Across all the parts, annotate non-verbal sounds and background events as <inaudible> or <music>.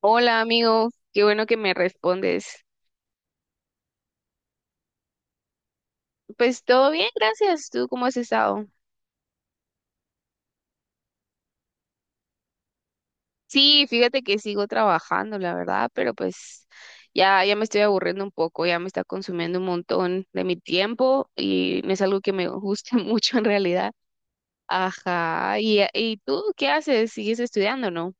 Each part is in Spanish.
Hola amigo, qué bueno que me respondes. Pues todo bien, gracias. ¿Tú cómo has estado? Sí, fíjate que sigo trabajando, la verdad, pero pues ya, ya me estoy aburriendo un poco, ya me está consumiendo un montón de mi tiempo y no es algo que me guste <laughs> mucho en realidad. Ajá, ¿y tú qué haces? ¿Sigues estudiando, no?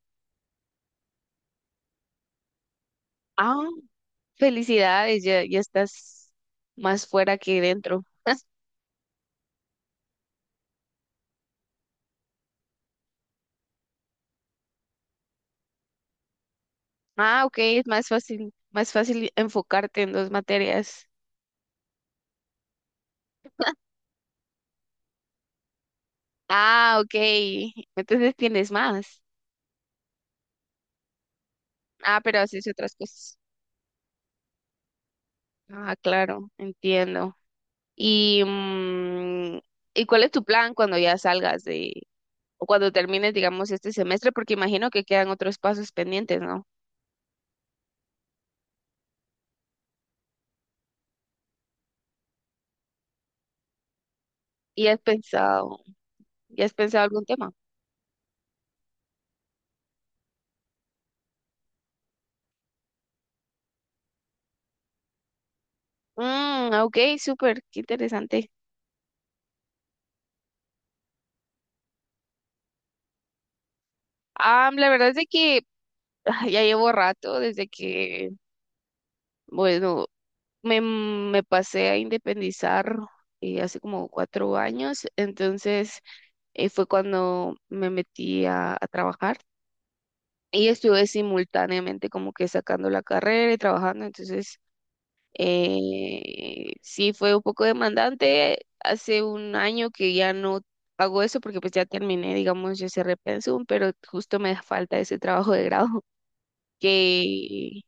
Ah, felicidades, ya, ya estás más fuera que dentro. <laughs> Ah, ok, es más fácil enfocarte en dos materias. Ah, ok. Entonces tienes más. Ah, pero haces otras cosas. Ah, claro, entiendo. Y, ¿y cuál es tu plan cuando ya salgas o cuando termines, digamos, este semestre? Porque imagino que quedan otros pasos pendientes, ¿no? ¿Y has pensado, ya has pensado algún tema? Mm, ok, súper, qué interesante. Ah, la verdad es de que ya llevo rato desde que, bueno, me pasé a independizar hace como 4 años, entonces fue cuando me metí a trabajar y estuve simultáneamente como que sacando la carrera y trabajando, entonces sí fue un poco demandante. Hace un año que ya no hago eso porque pues ya terminé, digamos, yo cerré pensum, pero justo me falta ese trabajo de grado que.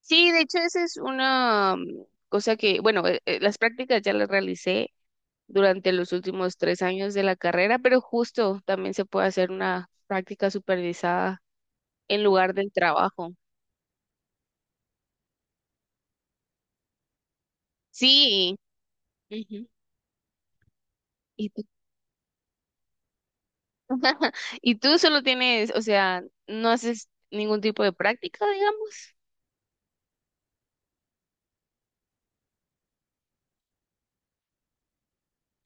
Sí, de hecho, esa es una cosa que, bueno, las prácticas ya las realicé durante los últimos 3 años de la carrera, pero justo también se puede hacer una práctica supervisada en lugar del trabajo. Sí. Ujú. Y tú, <laughs> y tú solo tienes, o sea, no haces ningún tipo de práctica, digamos.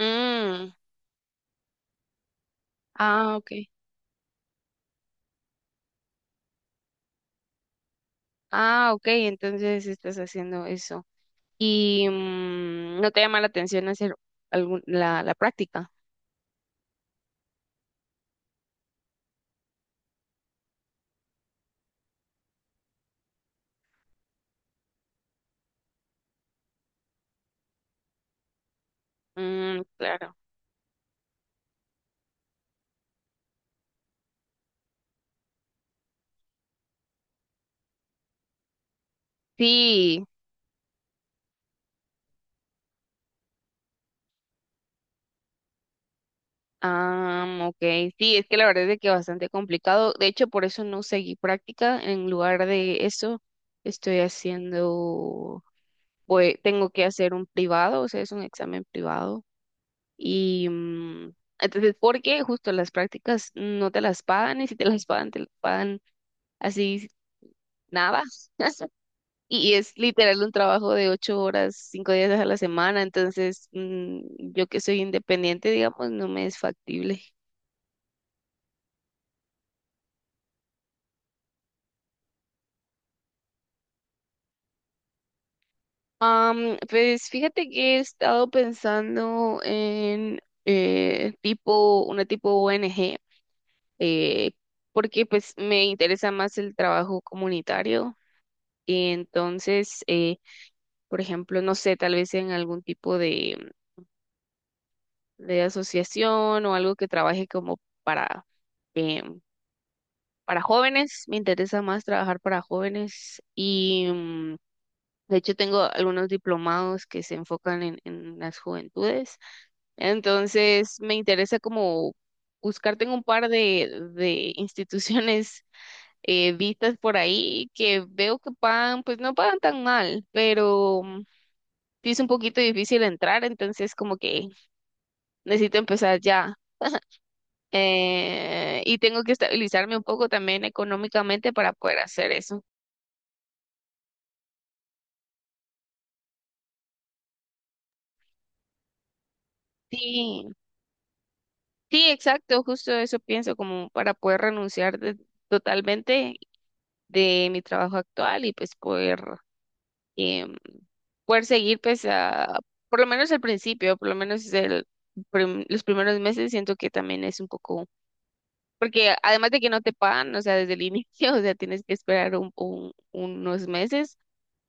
Mm, ah, ok. Ah, ok, entonces estás haciendo eso. Y no te llama la atención hacer algún, la práctica. Mm, claro. Sí, ah, ok. Sí, es que la verdad es de que bastante complicado. De hecho, por eso no seguí práctica. En lugar de eso, estoy haciendo, pues, tengo que hacer un privado, o sea, es un examen privado. Y entonces, porque justo las prácticas no te las pagan y si te las pagan, te las pagan así nada. <laughs> Y es literal un trabajo de 8 horas, 5 días a la semana, entonces yo que soy independiente, digamos, no me es factible. Am, pues fíjate que he estado pensando en tipo, una tipo ONG, eh, porque pues me interesa más el trabajo comunitario. Y entonces, por ejemplo, no sé, tal vez en algún tipo de asociación o algo que trabaje como para em, para jóvenes, me interesa más trabajar para jóvenes y de hecho tengo algunos diplomados que se enfocan en las juventudes, entonces me interesa como buscar, tengo un par de instituciones vistas por ahí que veo que pagan, pues no pagan tan mal, pero sí es un poquito difícil entrar, entonces como que necesito empezar ya. Eh, y tengo que estabilizarme un poco también económicamente para poder hacer eso. Sí, sí, exacto, justo eso pienso, como para poder renunciar totalmente de mi trabajo actual y pues poder, em, poder seguir pues a, por lo menos al principio, por lo menos los primeros meses siento que también es un poco, porque además de que no te pagan, o sea, desde el inicio, <laughs> o sea, tienes que esperar unos meses,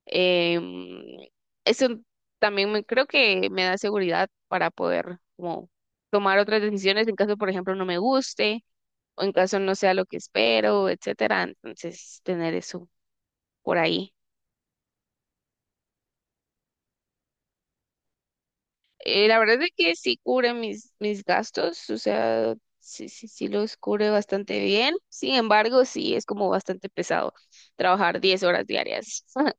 em, eso creo que me da seguridad para poder como tomar otras decisiones en caso, por ejemplo, no me guste o en caso no sea lo que espero, etcétera. Entonces, tener eso por ahí. La verdad es que sí cubre mis, mis gastos, o sea, sí, sí, sí los cubre bastante bien. Sin embargo, sí es como bastante pesado trabajar 10 horas diarias. <laughs>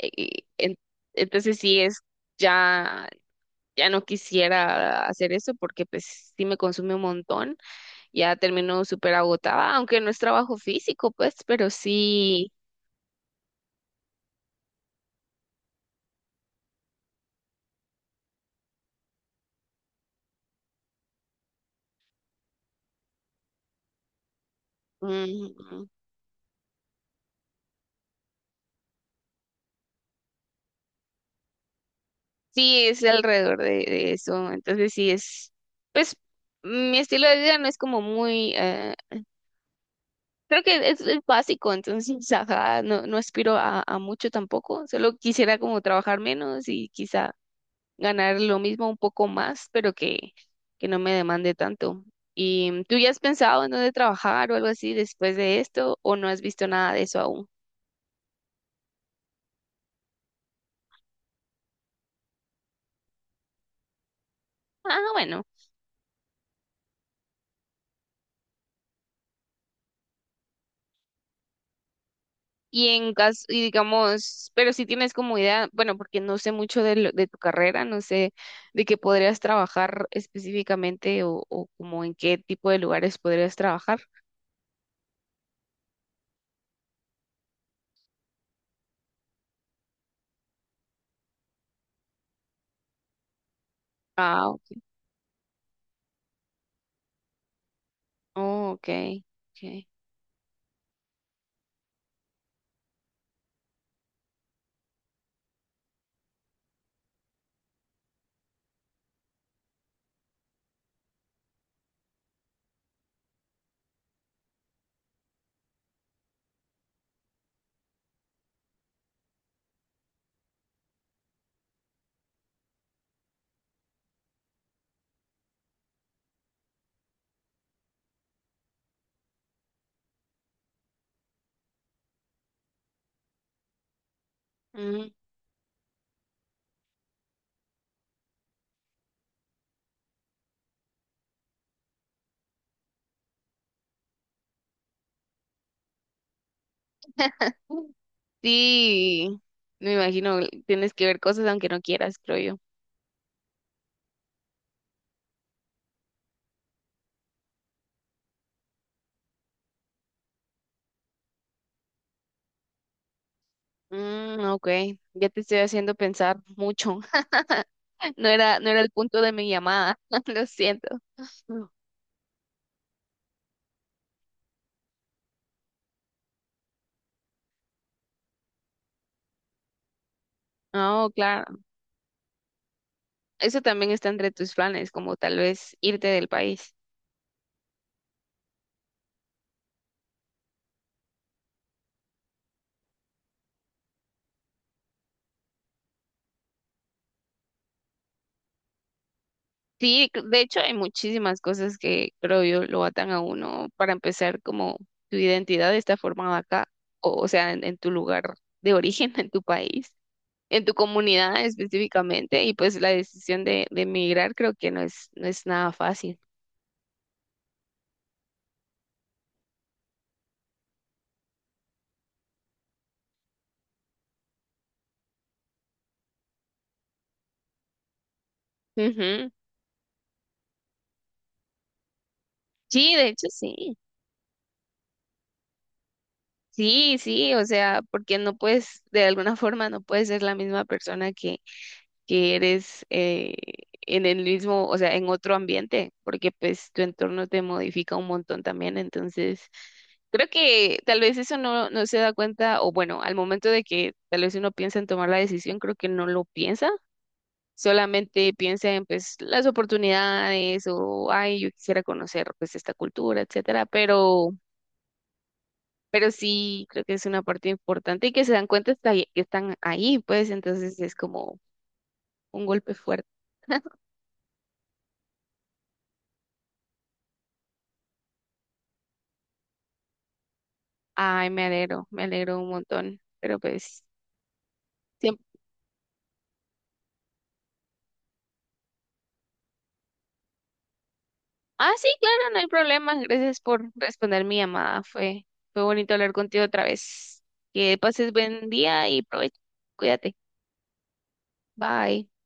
Y en- entonces, sí es, ya, ya no quisiera hacer eso porque pues sí me consume un montón. Ya termino súper agotada, aunque no es trabajo físico, pues, pero sí. Mm, sí, es alrededor de eso. Entonces sí es, pues mi estilo de vida no es como muy, creo que es básico, entonces, <laughs> ajá, no, no aspiro a mucho tampoco. Solo quisiera como trabajar menos y quizá ganar lo mismo un poco más, pero que no me demande tanto. ¿Y tú ya has pensado en dónde trabajar o algo así después de esto o no has visto nada de eso aún? Ah, bueno. Y en caso, y digamos, pero si tienes como idea, bueno, porque no sé mucho de, de tu carrera, no sé de qué podrías trabajar específicamente o como en qué tipo de lugares podrías trabajar. Ah, ok. Oh, ok, ok. Mm. Sí, me imagino, tienes que ver cosas aunque no quieras, creo yo. Mm, ok, ya te estoy haciendo pensar mucho. <laughs> No era, no era el punto de mi llamada, <laughs> lo siento. No, claro. Eso también está entre tus planes, como tal vez irte del país. Sí, de hecho hay muchísimas cosas que creo yo lo atan a uno. Para empezar, como tu identidad está formada acá, o sea, en tu lugar de origen, <laughs> en tu país, en tu comunidad específicamente, y pues la decisión de emigrar creo que no es, no es nada fácil. Ujú. Sí, de hecho sí. Sí, sí, o sea, porque no puedes, de alguna forma no puedes ser la misma persona que eres en el mismo, o sea, en otro ambiente, porque pues tu entorno te modifica un montón también, entonces creo que tal vez eso no, no se da cuenta, o bueno, al momento de que tal vez uno piensa en tomar la decisión, creo que no lo piensa, solamente piensa en pues las oportunidades o, ay, yo quisiera conocer pues esta cultura, etcétera, pero... Pero sí, creo que es una parte importante y que se dan cuenta hasta que están ahí, pues entonces es como un golpe fuerte. Ay, me alegro un montón. Pero pues, siempre... Ah, sí, claro, no hay problema. Gracias por responder mi llamada. Fue, fue bonito hablar contigo otra vez. Que pases buen día y provecho. Cuídate. Bye.